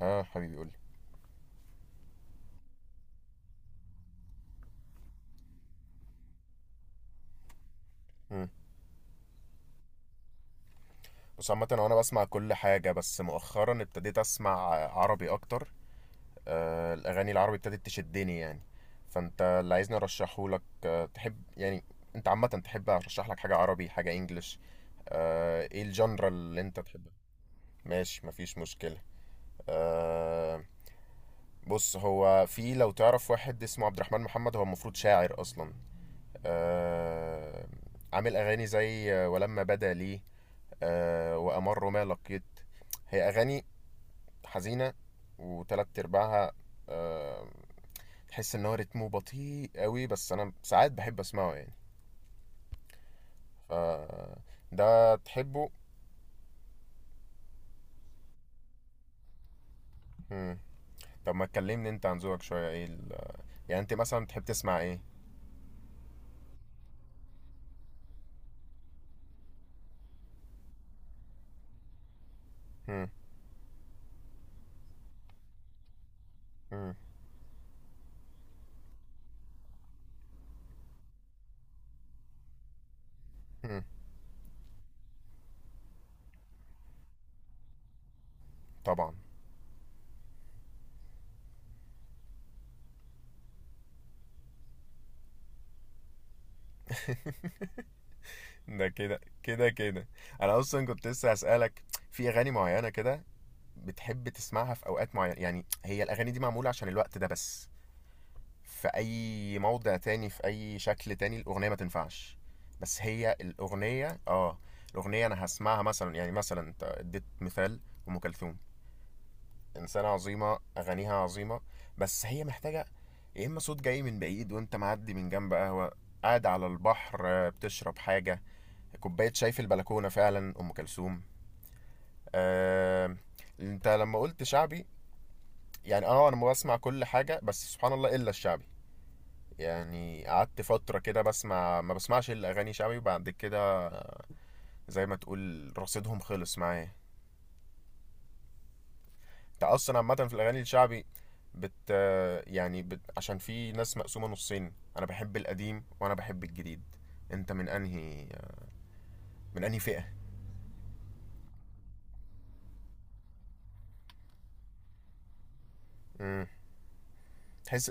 اه حبيبي قولي. مم. بص، عامة هو انا بسمع كل حاجة، بس مؤخرا ابتديت اسمع عربي اكتر. الاغاني العربي ابتدت تشدني يعني. فانت اللي عايزني ارشحه لك، تحب يعني انت عامة تحب ارشح لك حاجة عربي، حاجة انجلش؟ ايه الجنرا اللي انت تحبها؟ ماشي، مفيش مشكلة. آه بص، هو في، لو تعرف، واحد اسمه عبد الرحمن محمد. هو المفروض شاعر اصلا، آه عامل اغاني زي ولما بدا لي، وأمر ما لقيت. هي أغاني حزينة، وتلات أرباعها، آه، تحس إن هو رتمه بطيء قوي، بس أنا ساعات بحب أسمعه يعني. ف ده تحبه؟ مم. طب ما تكلمني أنت عن ذوقك شوية. يعني أنت مثلا بتحب تسمع إيه؟ مم. مم. مم. طبعا. ده كده كده كده أنا أصلا كنت لسه هسألك، في أغاني معينة كده بتحب تسمعها في أوقات معينة؟ يعني هي الأغاني دي معمولة عشان الوقت ده بس، في اي موضع تاني في اي شكل تاني الاغنيه ما تنفعش. بس هي الاغنيه، اه الاغنيه، انا هسمعها مثلا. يعني مثلا انت اديت مثال ام كلثوم، انسانه عظيمه، اغانيها عظيمه، بس هي محتاجه يا اما صوت جاي من بعيد وانت معدي من جنب قهوه، قاعد على البحر، بتشرب حاجه، كوبايه شاي في البلكونه. فعلا ام كلثوم. آه، انت لما قلت شعبي، يعني انا بسمع كل حاجه بس سبحان الله الا الشعبي. يعني قعدت فترة كده بسمع، ما بسمعش إلا أغاني شعبي، وبعد كده زي ما تقول رصيدهم خلص معايا. أنت أصلا عامة في الأغاني الشعبي، بت عشان في ناس مقسومة نصين، أنا بحب القديم وأنا بحب الجديد. أنت من أنهي فئة؟ امم تحس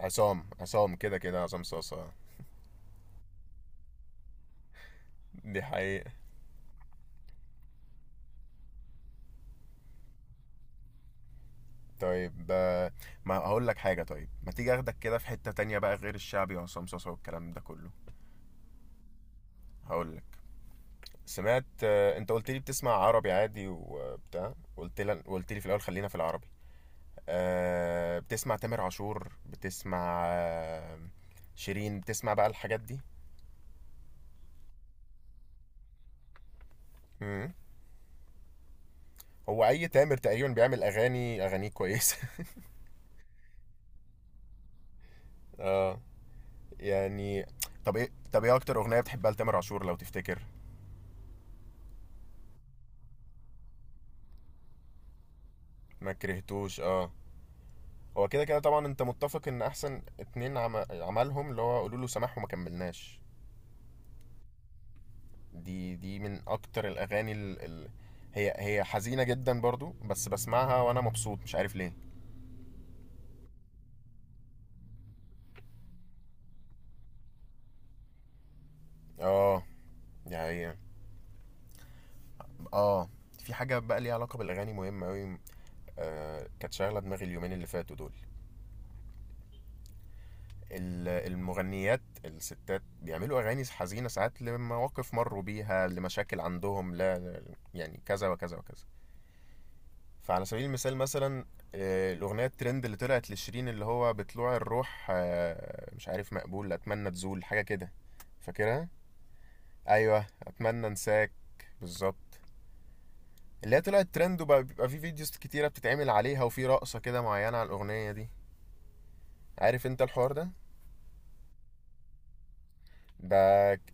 عصام، عصام كده كده عصام صاصة. دي حقيقة. طيب، ما هقول لك حاجة. طيب ما تيجي اخدك كده في حتة تانية بقى غير الشعبي وعصام صاصة والكلام ده كله؟ هقول لك. سمعت، انت قلت لي بتسمع عربي عادي وبتاع، قلت لي في الاول خلينا في العربي. بتسمع تامر عاشور؟ بتسمع، شيرين؟ بتسمع بقى الحاجات دي؟ مم. هو اي تامر تقريبا بيعمل اغاني، اغانيه كويسه. اه يعني طب ايه، طب ايه اكتر اغنيه بتحبها لتامر عاشور لو تفتكر؟ ما كرهتوش، اه. هو كده كده طبعا انت متفق ان احسن اتنين عملهم اللي هو قولوا له سماح وما كملناش. دي من اكتر الاغاني. هي حزينه جدا برضو، بس بسمعها وانا مبسوط، مش عارف ليه. اه، دي حقيقة. اه، في حاجه بقى ليها علاقه بالاغاني مهمه قوي، كانت شاغله دماغي اليومين اللي فاتوا دول. المغنيات الستات بيعملوا اغاني حزينه ساعات، لمواقف مروا بيها، لمشاكل عندهم، لا يعني كذا وكذا وكذا. فعلى سبيل المثال مثلا، الأغنية الترند اللي طلعت لشيرين اللي هو بطلوع الروح، مش عارف مقبول أتمنى تزول حاجة كده. فاكرها؟ أيوه، أتمنى أنساك، بالظبط. اللي هي طلعت ترند، وبقى بيبقى في فيديوز كتيرة بتتعمل عليها، وفي رقصة كده معينة على الأغنية دي. عارف أنت الحوار ده؟ ده ك-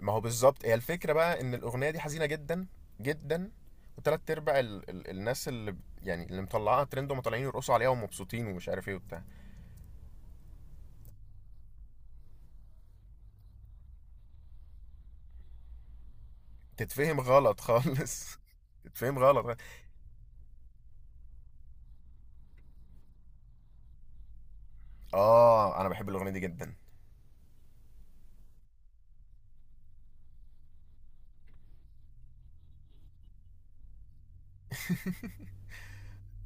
ما هو بالظبط، هي الفكرة بقى إن الأغنية دي حزينة جدا جدا، وتلات أرباع الناس اللي مطلعاها ترند ومطلعين يرقصوا عليها ومبسوطين ومش عارف إيه وبتاع، تتفهم غلط خالص. تتفهم غلط. اه، انا بحب الاغنيه دي جدا.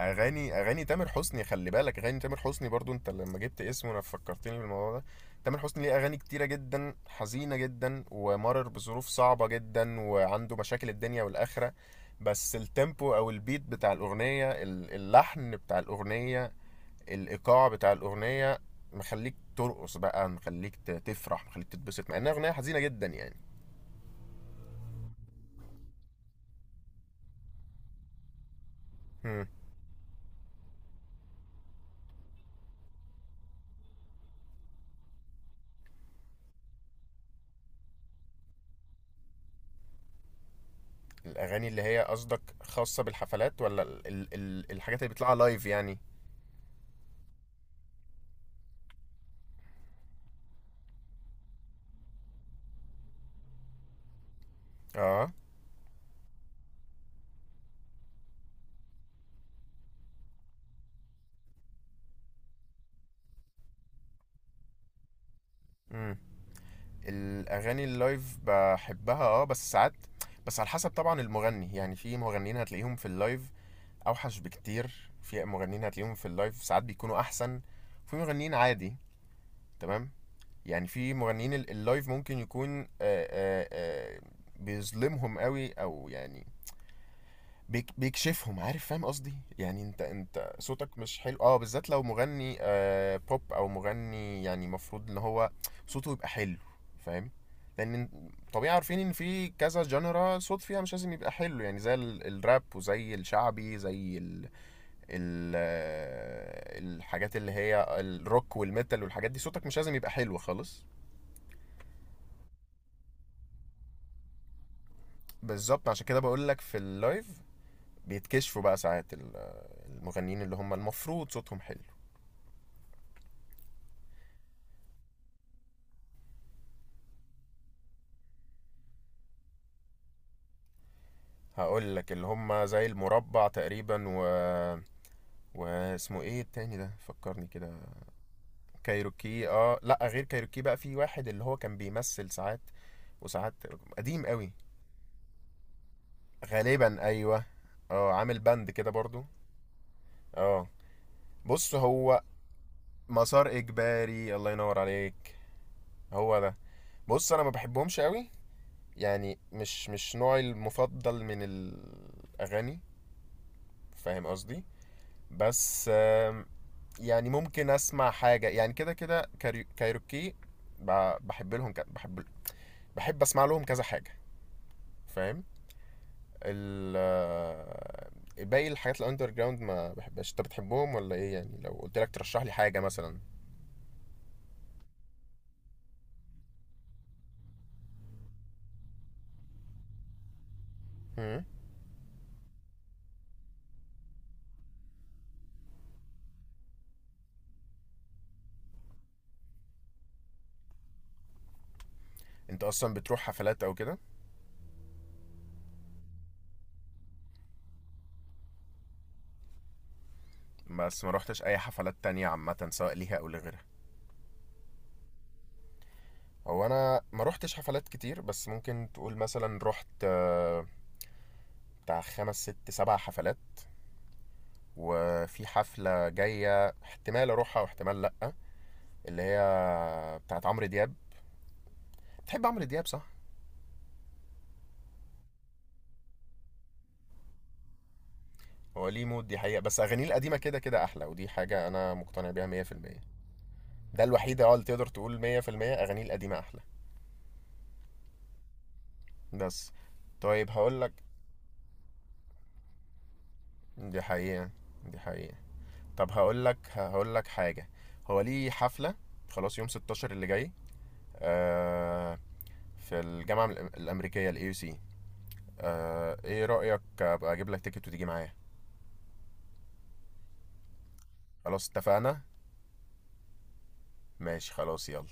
اغاني تامر حسني، خلي بالك اغاني تامر حسني برضو، انت لما جبت اسمه انا فكرتني بالموضوع ده. تامر حسني ليه اغاني كتيره جدا، حزينه جدا، ومرر بظروف صعبه جدا، وعنده مشاكل الدنيا والاخره، بس التيمبو او البيت بتاع الاغنيه، اللحن بتاع الاغنيه، الايقاع بتاع الاغنيه، مخليك ترقص بقى، مخليك تفرح، مخليك تتبسط، مع انها اغنيه حزينه جدا يعني. مم. الاغاني اللي هي قصدك خاصه بالحفلات، ولا ال ال ال الحاجات اللي بيطلعها لايف يعني؟ اه. امم الاغاني اللايف بحبها اه، بس ساعات، بس على حسب طبعا المغني. يعني في مغنيين هتلاقيهم في اللايف اوحش بكتير، في مغنيين هتلاقيهم في اللايف ساعات بيكونوا احسن، في مغنيين عادي، تمام. يعني في مغنيين اللايف ممكن يكون، بيظلمهم قوي او يعني بيكشفهم، عارف، فاهم قصدي يعني. انت، صوتك مش حلو اه، بالذات لو مغني بوب، او مغني يعني المفروض ان هو صوته يبقى حلو، فاهم؟ لان طبيعي عارفين ان في كذا جنرا صوت فيها مش لازم يبقى حلو، يعني زي الراب، وزي الشعبي، زي ال ال آه، الحاجات اللي هي الروك والميتال والحاجات دي صوتك مش لازم يبقى حلو خالص. بالظبط، عشان كده بقول لك في اللايف بيتكشفوا بقى ساعات المغنيين اللي هم المفروض صوتهم حلو. هقول لك اللي هم زي المربع تقريبا، و واسمه ايه التاني ده، فكرني كده. كايروكي؟ اه لا، غير كايروكي بقى، في واحد اللي هو كان بيمثل ساعات، وساعات. قديم قوي. غالبا ايوه. اه، عامل بند كده برضو. اه، بص هو مسار اجباري، الله ينور عليك، هو ده. بص انا ما بحبهمش قوي، يعني مش، مش نوعي المفضل من الاغاني، فاهم قصدي. بس، يعني ممكن اسمع حاجه يعني كده كده. كايروكي، بحب بحب اسمع لهم كذا حاجه، فاهم. ال باقي الحاجات الاندر جراوند ما بحبهاش. انت بتحبهم ولا ايه يعني، لو قلت لك ترشح لي حاجه مثلا؟ هم؟ انت اصلا بتروح حفلات او كده؟ بس ما روحتش اي حفلات تانية عامه، سواء ليها او لغيرها؟ هو انا ما روحتش حفلات كتير، بس ممكن تقول مثلا رحت، بتاع خمس ست سبع حفلات، وفي حفلة جاية احتمال أروحها واحتمال لأ، اللي هي بتاعت عمرو دياب. بتحب عمرو دياب صح؟ هو ليه مود دي حقيقة، بس أغانيه القديمة كده كده أحلى، ودي حاجة أنا مقتنع بيها 100%. ده الوحيدة اه اللي تقدر تقول 100% أغانيه القديمة أحلى. بس طيب هقول لك، دي حقيقة، دي حقيقة. طب هقول لك حاجة، هو ليه حفلة خلاص يوم 16 اللي جاي، آه، في الجامعة الأمريكية، AUC. آه، ايه رأيك ابقى اجيب لك تيكت وتيجي معايا؟ خلاص اتفقنا. ماشي خلاص، يلا.